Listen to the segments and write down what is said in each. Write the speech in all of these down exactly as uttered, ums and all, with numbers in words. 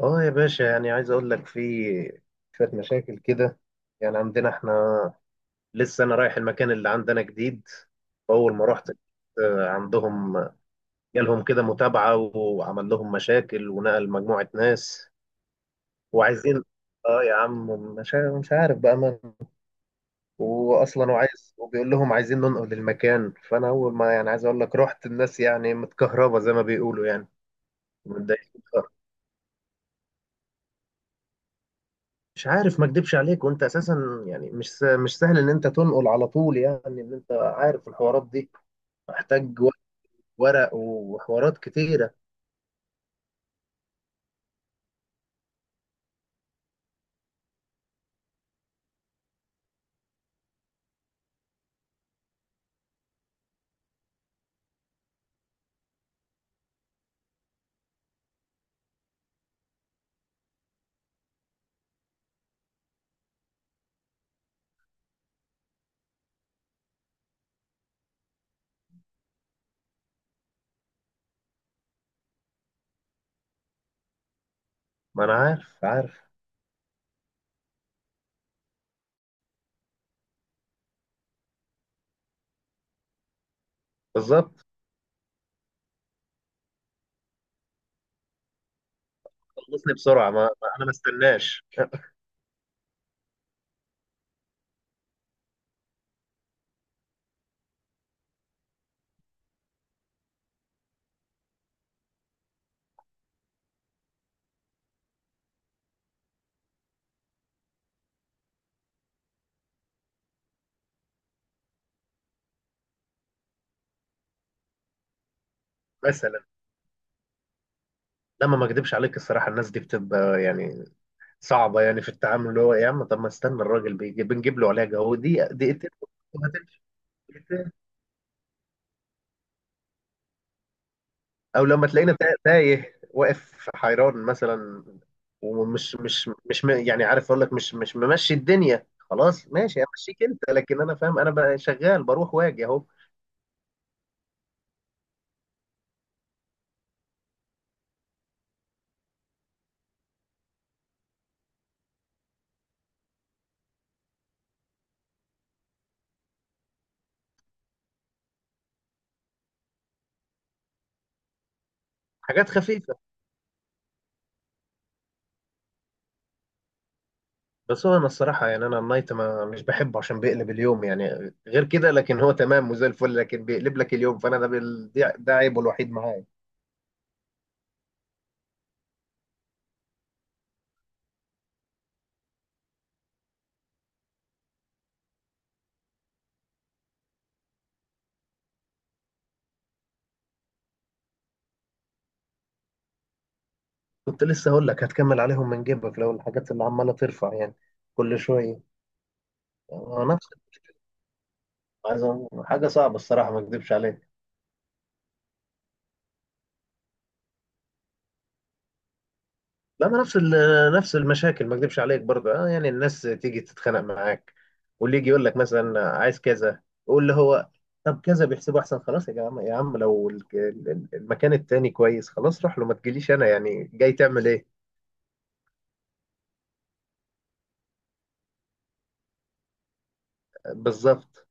اه يا باشا، يعني عايز اقول لك في شوية مشاكل كده. يعني عندنا احنا لسه، انا رايح المكان اللي عندنا جديد. اول ما رحت، آه، عندهم جالهم كده متابعة وعمل لهم مشاكل ونقل مجموعة ناس. وعايزين، اه يا عم، مش عارف مش عارف بقى من. واصلا وعايز وبيقول لهم عايزين ننقل المكان، فانا اول ما يعني عايز اقول لك رحت، الناس يعني متكهربة زي ما بيقولوا يعني، متضايقين. مش عارف، ما اكدبش عليك، وانت اساسا يعني مش س- مش سهل ان انت تنقل على طول، يعني ان انت عارف الحوارات دي، محتاج ور- ورق وحوارات كتيره. ما انا عارف عارف بالظبط. خلصني بسرعه، ما ما- انا ما استناش مثلا لما ما اكدبش عليك الصراحه، الناس دي بتبقى يعني صعبه يعني في التعامل. اللي هو يا عم طب ما استنى، الراجل بيجي بنجيب له علاجه، هو دي دقيقتين. او لما تلاقينا تا- تايه واقف حيران مثلا، ومش مش مش م- يعني عارف اقول لك، مش مش ممشي الدنيا خلاص، ماشي امشيك انت، لكن انا فاهم انا بقى شغال بروح واجي اهو. حاجات خفيفه. بس هو انا الصراحه يعني انا النايت ما مش بحبه عشان بيقلب اليوم يعني، غير كده لكن هو تمام وزي الفل، لكن بيقلب لك اليوم، فانا ده بال- دي- ده عيبه الوحيد معايا. كنت لسه اقول لك هتكمل عليهم من جيبك لو الحاجات اللي عماله ترفع يعني كل شويه. آه، نفس، عايز أقول- حاجه صعبه الصراحه ما اكذبش عليك. لا، ما نفس ال- نفس المشاكل، ما اكذبش عليك برضه اه، يعني الناس تيجي تتخانق معاك. واللي يجي يقول لك مثلا عايز كذا، يقول له هو طب كذا بيحسبه احسن، خلاص يا جماعه، يا عم لو ال- ال- المكان التاني كويس خلاص روح له، ما تجيليش انا يعني جاي تعمل ايه؟ بالظبط.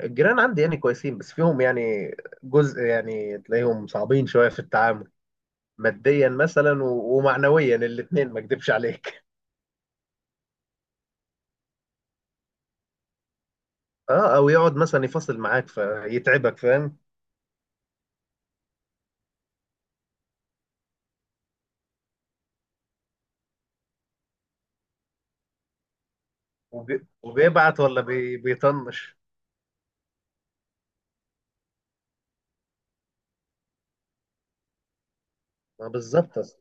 الجيران عندي يعني كويسين، بس فيهم يعني جزء يعني تلاقيهم صعبين شويه في التعامل، ماديا مثلا و- ومعنويا الاتنين، ما اكذبش عليك. اه او يقعد مثلا يفاصل معاك فيتعبك، فاهم؟ وبي... وبيبعت ولا بي... بيطنش؟ ما بالظبط أصلاً.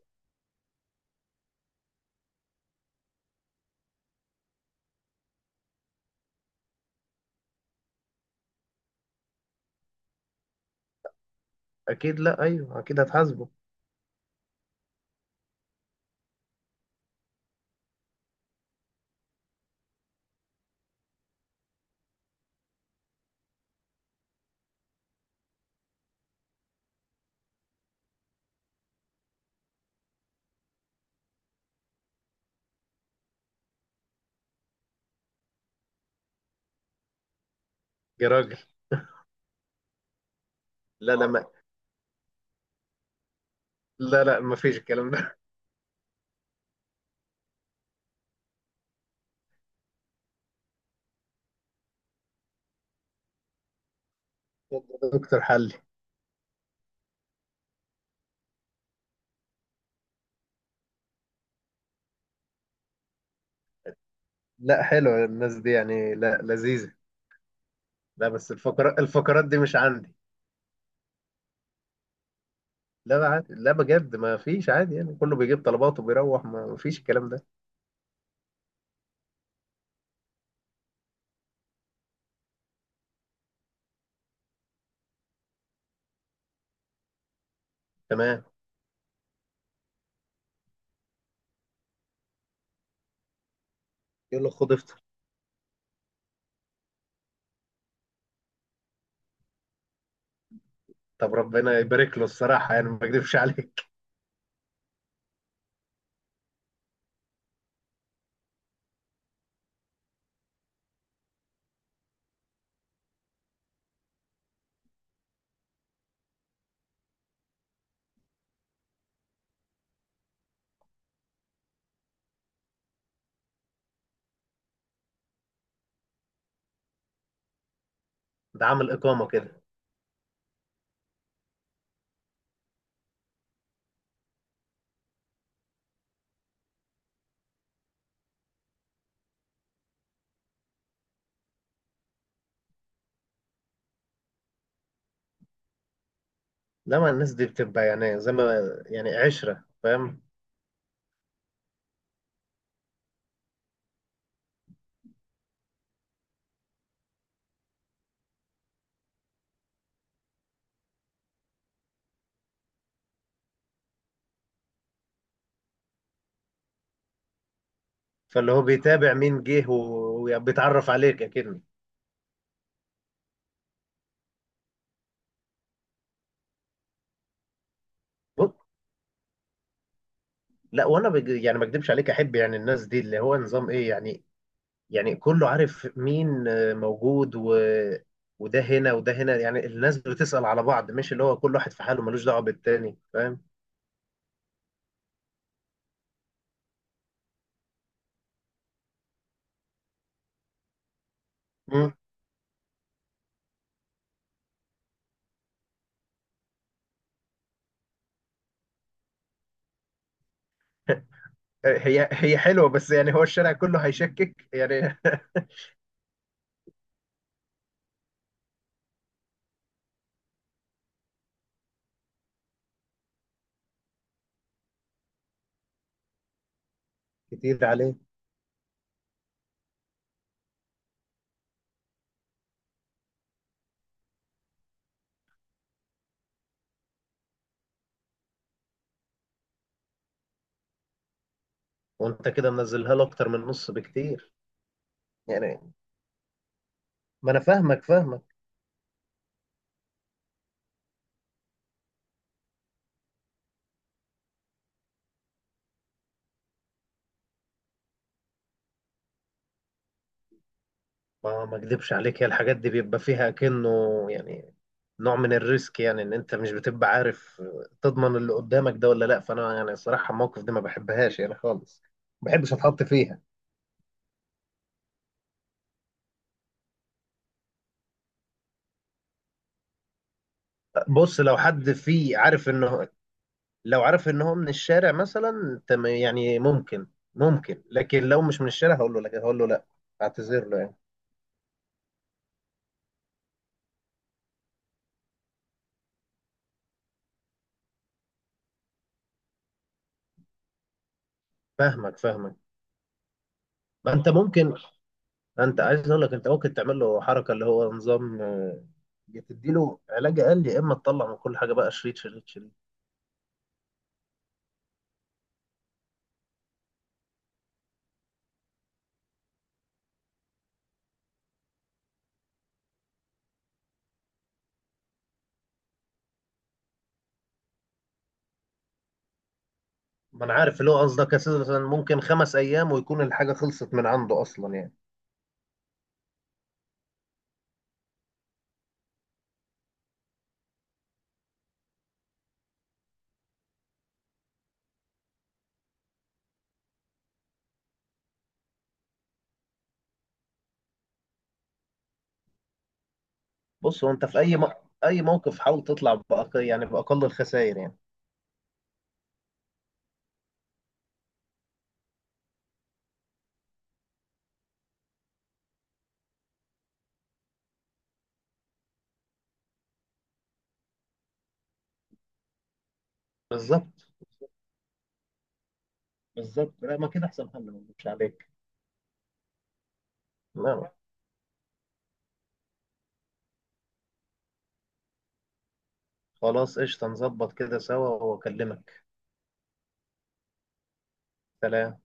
اكيد، لا ايوه اكيد هتحاسبه. يا راجل. لا، لا ما... لا، لا، ما فيش الكلام ده. اتفضل يا دكتور حلي. لا، حلوه الناس دي يعني، لا لذيذه. لا بس الفقرات الفقرات دي مش عندي. لا بقى عادي، لا بجد ما فيش عادي يعني، كله بيجيب طلباته وبيروح، ما ما فيش الكلام ده. تمام. يقول له خد افطر. طب ربنا يبارك له، الصراحه يعني ما اكذبش عليك. ده عامل اقامه كده. لا، ما الناس دي بتبقى يعني زي ما يعني عشره، فاهم؟ فاللي هو بيتابع مين جه و- وبيتعرف عليك اكنه. بص. لا وانا بج... يعني ما اكدبش عليك، احب يعني الناس دي، اللي هو نظام ايه يعني. يعني كله عارف مين آه، موجود و... وده هنا وده هنا، يعني الناس بتسأل على بعض، مش اللي هو كل واحد في حاله ملوش دعوه بالتاني، فاهم؟ مم. هي هي حلوه، بس يعني هو الشارع كله هيشكك يعني. كتير عليه. وانت كده منزلها له اكتر من نص بكتير يعني. ما انا فاهمك فاهمك. ما ما اكدبش عليك، هي الحاجات دي بيبقى فيها كأنه، يعني نوع من الريسك، يعني ان انت مش بتبقى عارف تضمن اللي قدامك ده ولا لا. فانا يعني الصراحه، الموقف دي ما بحبهاش يعني خالص، ما بحبش اتحط فيها. بص لو حد فيه عارف انه، لو عارف ان هو من الشارع مثلا تم يعني ممكن، ممكن لكن لو مش من الشارع، هقول له لك هقول له لا، اعتذر له يعني. فاهمك فاهمك. ما انت ممكن. انت عايز اقول لك انت ممكن تعمل له حركه، اللي هو نظام، آه، يا تدي له علاج قال، يا اما تطلع من كل حاجه بقى شريط شريط شريط. ما انا عارف اللي هو قصدك، اساسا مثلا ممكن خمس ايام ويكون الحاجه خلصت من عنده اصلا يعني. بص هو انت في اي م... اي موقف حاول تطلع بأق... يعني باقل الخسائر يعني. بالظبط. بالظبط، لا ما كده احسن حل، ما اكذبش عليك. لا. خلاص قشطه، نظبط كده سوا واكلمك. سلام.